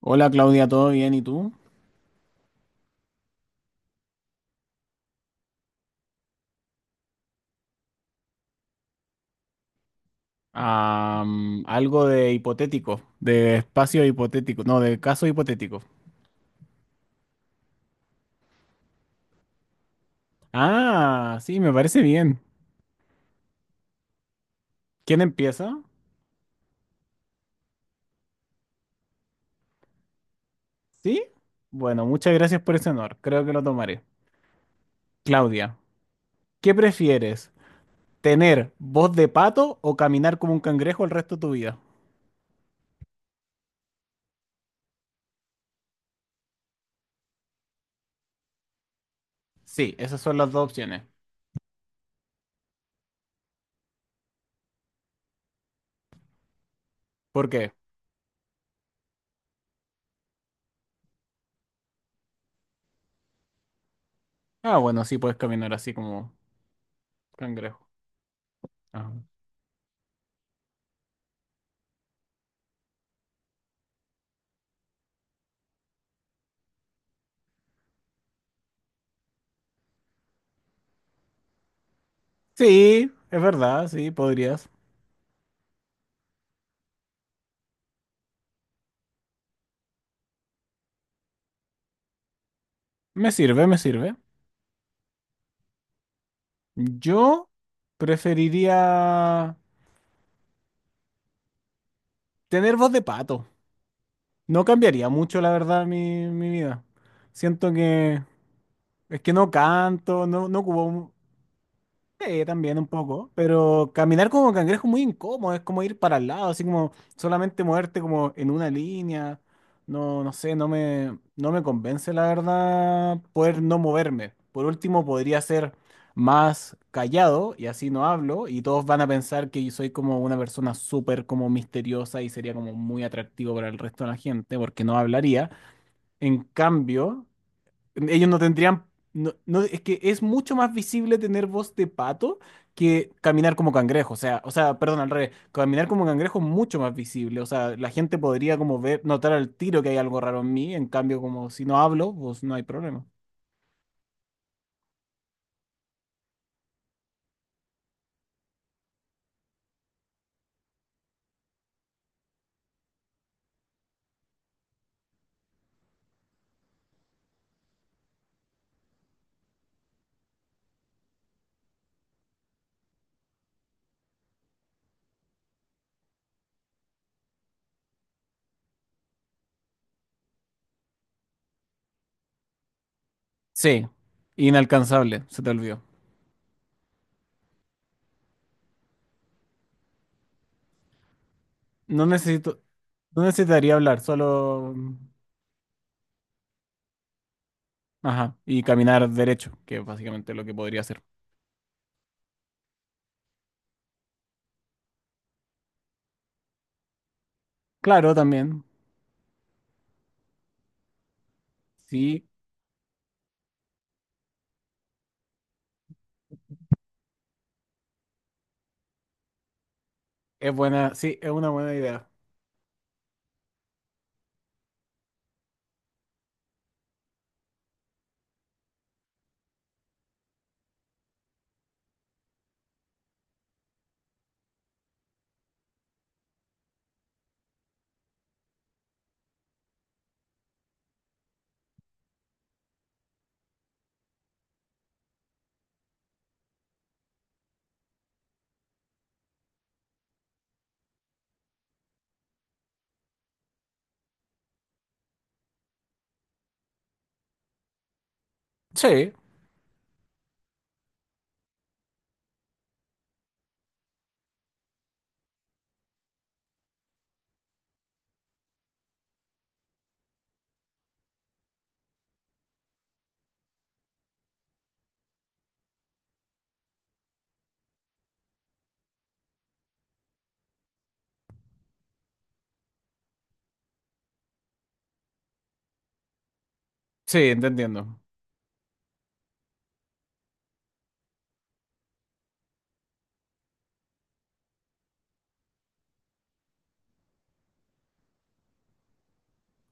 Hola Claudia, ¿todo bien? ¿Y tú? Algo de hipotético, de espacio hipotético, no, de caso hipotético. Ah, sí, me parece bien. ¿Quién empieza? ¿Sí? Bueno, muchas gracias por ese honor, creo que lo tomaré. Claudia, ¿qué prefieres? ¿Tener voz de pato o caminar como un cangrejo el resto de tu vida? Sí, esas son las dos opciones. ¿Por qué? Ah, bueno, sí, puedes caminar así como cangrejo. Ajá. Sí, es verdad, sí, podrías. Me sirve, me sirve. Yo preferiría tener voz de pato. No cambiaría mucho, la verdad, mi vida. Siento que es que no canto, no, no ocupo. Sí, también un poco, pero caminar como cangrejo es muy incómodo, es como ir para el lado, así como solamente moverte como en una línea. No, no sé, no me convence la verdad poder no moverme. Por último, podría ser más callado y así no hablo y todos van a pensar que yo soy como una persona súper como misteriosa y sería como muy atractivo para el resto de la gente porque no hablaría. En cambio... Ellos no tendrían. No, no, es que es mucho más visible tener voz de pato que caminar como cangrejo. O sea, perdón, al revés. Caminar como cangrejo es mucho más visible. O sea, la gente podría como ver, notar al tiro que hay algo raro en mí. En cambio, como si no hablo, pues no hay problema. Sí, inalcanzable, se te olvidó. No necesito, no necesitaría hablar, solo. Ajá, y caminar derecho, que es básicamente lo que podría hacer. Claro, también. Sí, es buena, sí, es una buena idea. Sí, sí, te entiendo.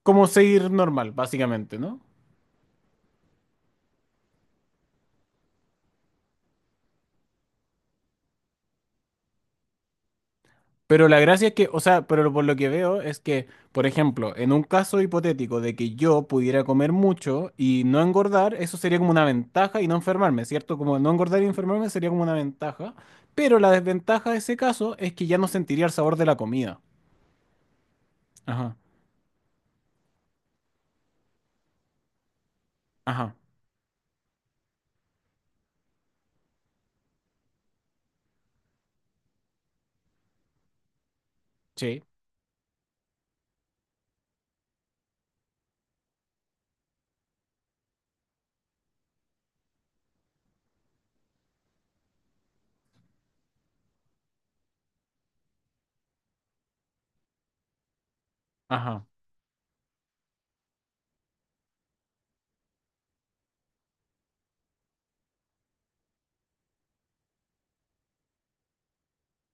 Como seguir normal, básicamente, ¿no? Pero la gracia es que, o sea, pero por lo que veo es que, por ejemplo, en un caso hipotético de que yo pudiera comer mucho y no engordar, eso sería como una ventaja y no enfermarme, ¿cierto? Como no engordar y enfermarme sería como una ventaja, pero la desventaja de ese caso es que ya no sentiría el sabor de la comida. Ajá, ajá, sí, ajá.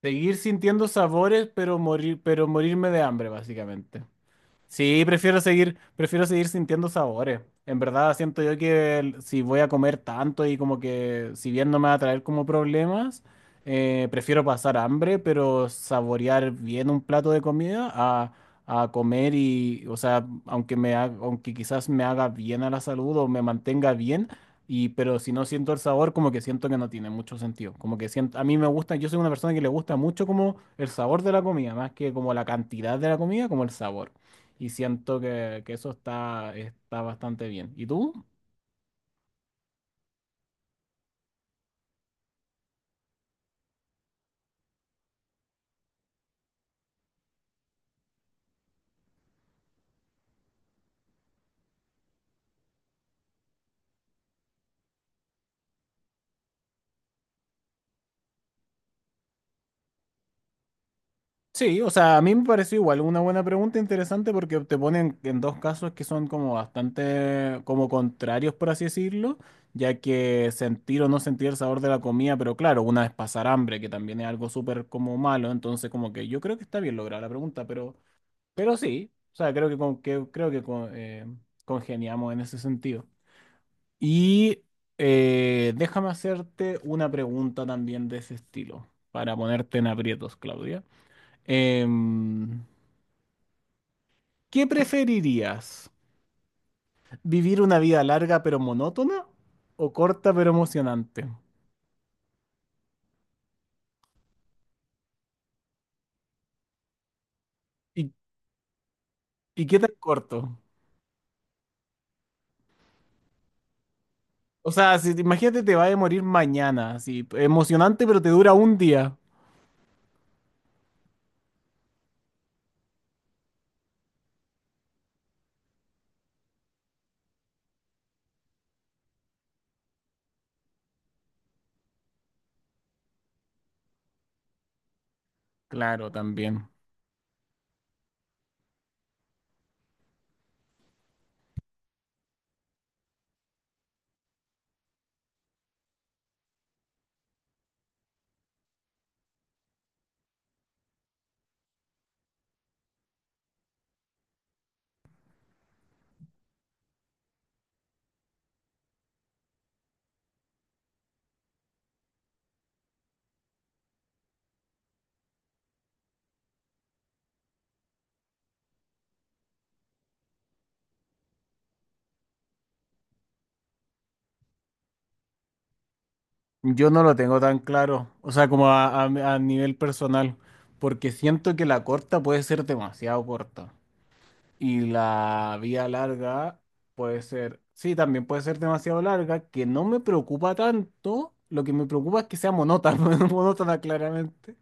Seguir sintiendo sabores, pero morir, pero morirme de hambre, básicamente. Sí, prefiero seguir sintiendo sabores. En verdad, siento yo que el- si voy a comer tanto y como que si bien no me va a traer como problemas, prefiero pasar hambre, pero saborear bien un plato de comida a comer y, o sea, aunque me ha- aunque quizás me haga bien a la salud o me mantenga bien, y pero si no siento el sabor, como que siento que no tiene mucho sentido. Como que siento, a mí me gusta, yo soy una persona que le gusta mucho como el sabor de la comida, más que como la cantidad de la comida, como el sabor. Y siento que eso está, está bastante bien. ¿Y tú? Sí, o sea, a mí me pareció igual una buena pregunta interesante porque te ponen en dos casos que son como bastante como contrarios, por así decirlo, ya que sentir o no sentir el sabor de la comida, pero claro, una es pasar hambre, que también es algo súper como malo, entonces como que yo creo que está bien lograda la pregunta, pero sí, o sea, creo que, con- que- creo que con- congeniamos en ese sentido. Y déjame hacerte una pregunta también de ese estilo, para ponerte en aprietos, Claudia. Em, ¿Qué preferirías? ¿Vivir una vida larga pero monótona o corta pero emocionante? ¿Y, y qué tan corto? O sea, si, imagínate te va a morir mañana, así, emocionante pero te dura un día. Claro, también. Yo no lo tengo tan claro, o sea, como a, a nivel personal, porque siento que la corta puede ser demasiado corta. Y la vía larga puede ser, sí, también puede ser demasiado larga, que no me preocupa tanto. Lo que me preocupa es que sea monótona, monótona claramente.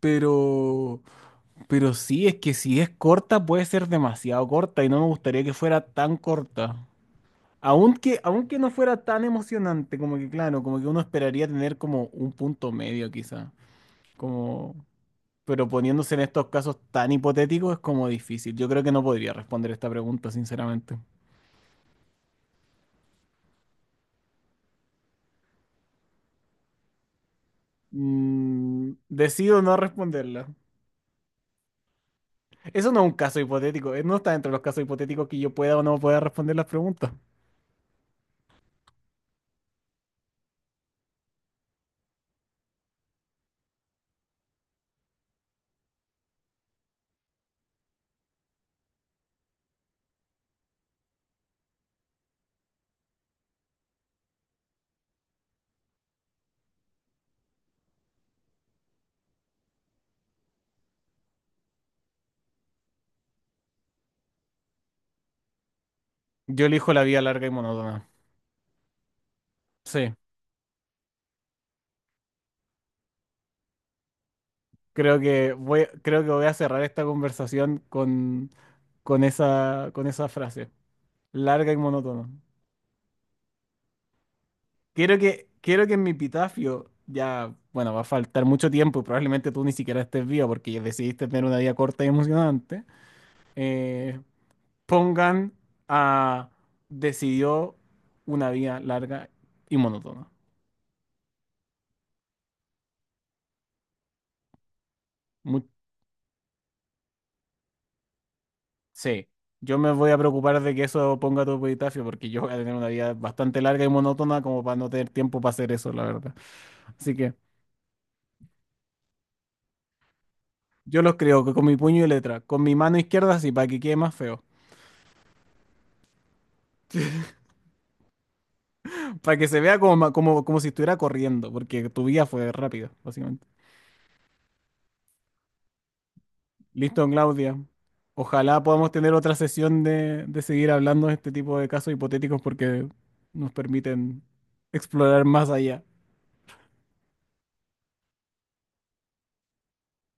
Pero, pero sí, es que si es corta, puede ser demasiado corta y no me gustaría que fuera tan corta. Aunque, aunque no fuera tan emocionante, como que claro, como que uno esperaría tener como un punto medio quizá. Como pero poniéndose en estos casos tan hipotéticos es como difícil. Yo creo que no podría responder esta pregunta, sinceramente. Mm, decido no responderla. Eso no es un caso hipotético. No está dentro de los casos hipotéticos que yo pueda o no pueda responder las preguntas. Yo elijo la vida larga y monótona. Sí, creo que voy a cerrar esta conversación con esa frase. Larga y monótona. Quiero que en mi epitafio, ya, bueno, va a faltar mucho tiempo y probablemente tú ni siquiera estés vivo porque ya decidiste tener una vida corta y emocionante, eh, pongan a decidió una vida larga y monótona. Mu- sí, yo me voy a preocupar de que eso ponga tu epitafio porque yo voy a tener una vida bastante larga y monótona como para no tener tiempo para hacer eso, la verdad. Así que yo los creo que con mi puño y letra, con mi mano izquierda sí, para que quede más feo. Para que se vea como, como, como si estuviera corriendo, porque tu vida fue rápida, básicamente. Listo, Claudia. Ojalá podamos tener otra sesión de seguir hablando de este tipo de casos hipotéticos porque nos permiten explorar más allá.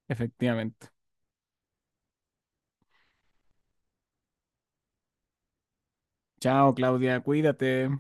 Efectivamente. Chao, Claudia. Cuídate.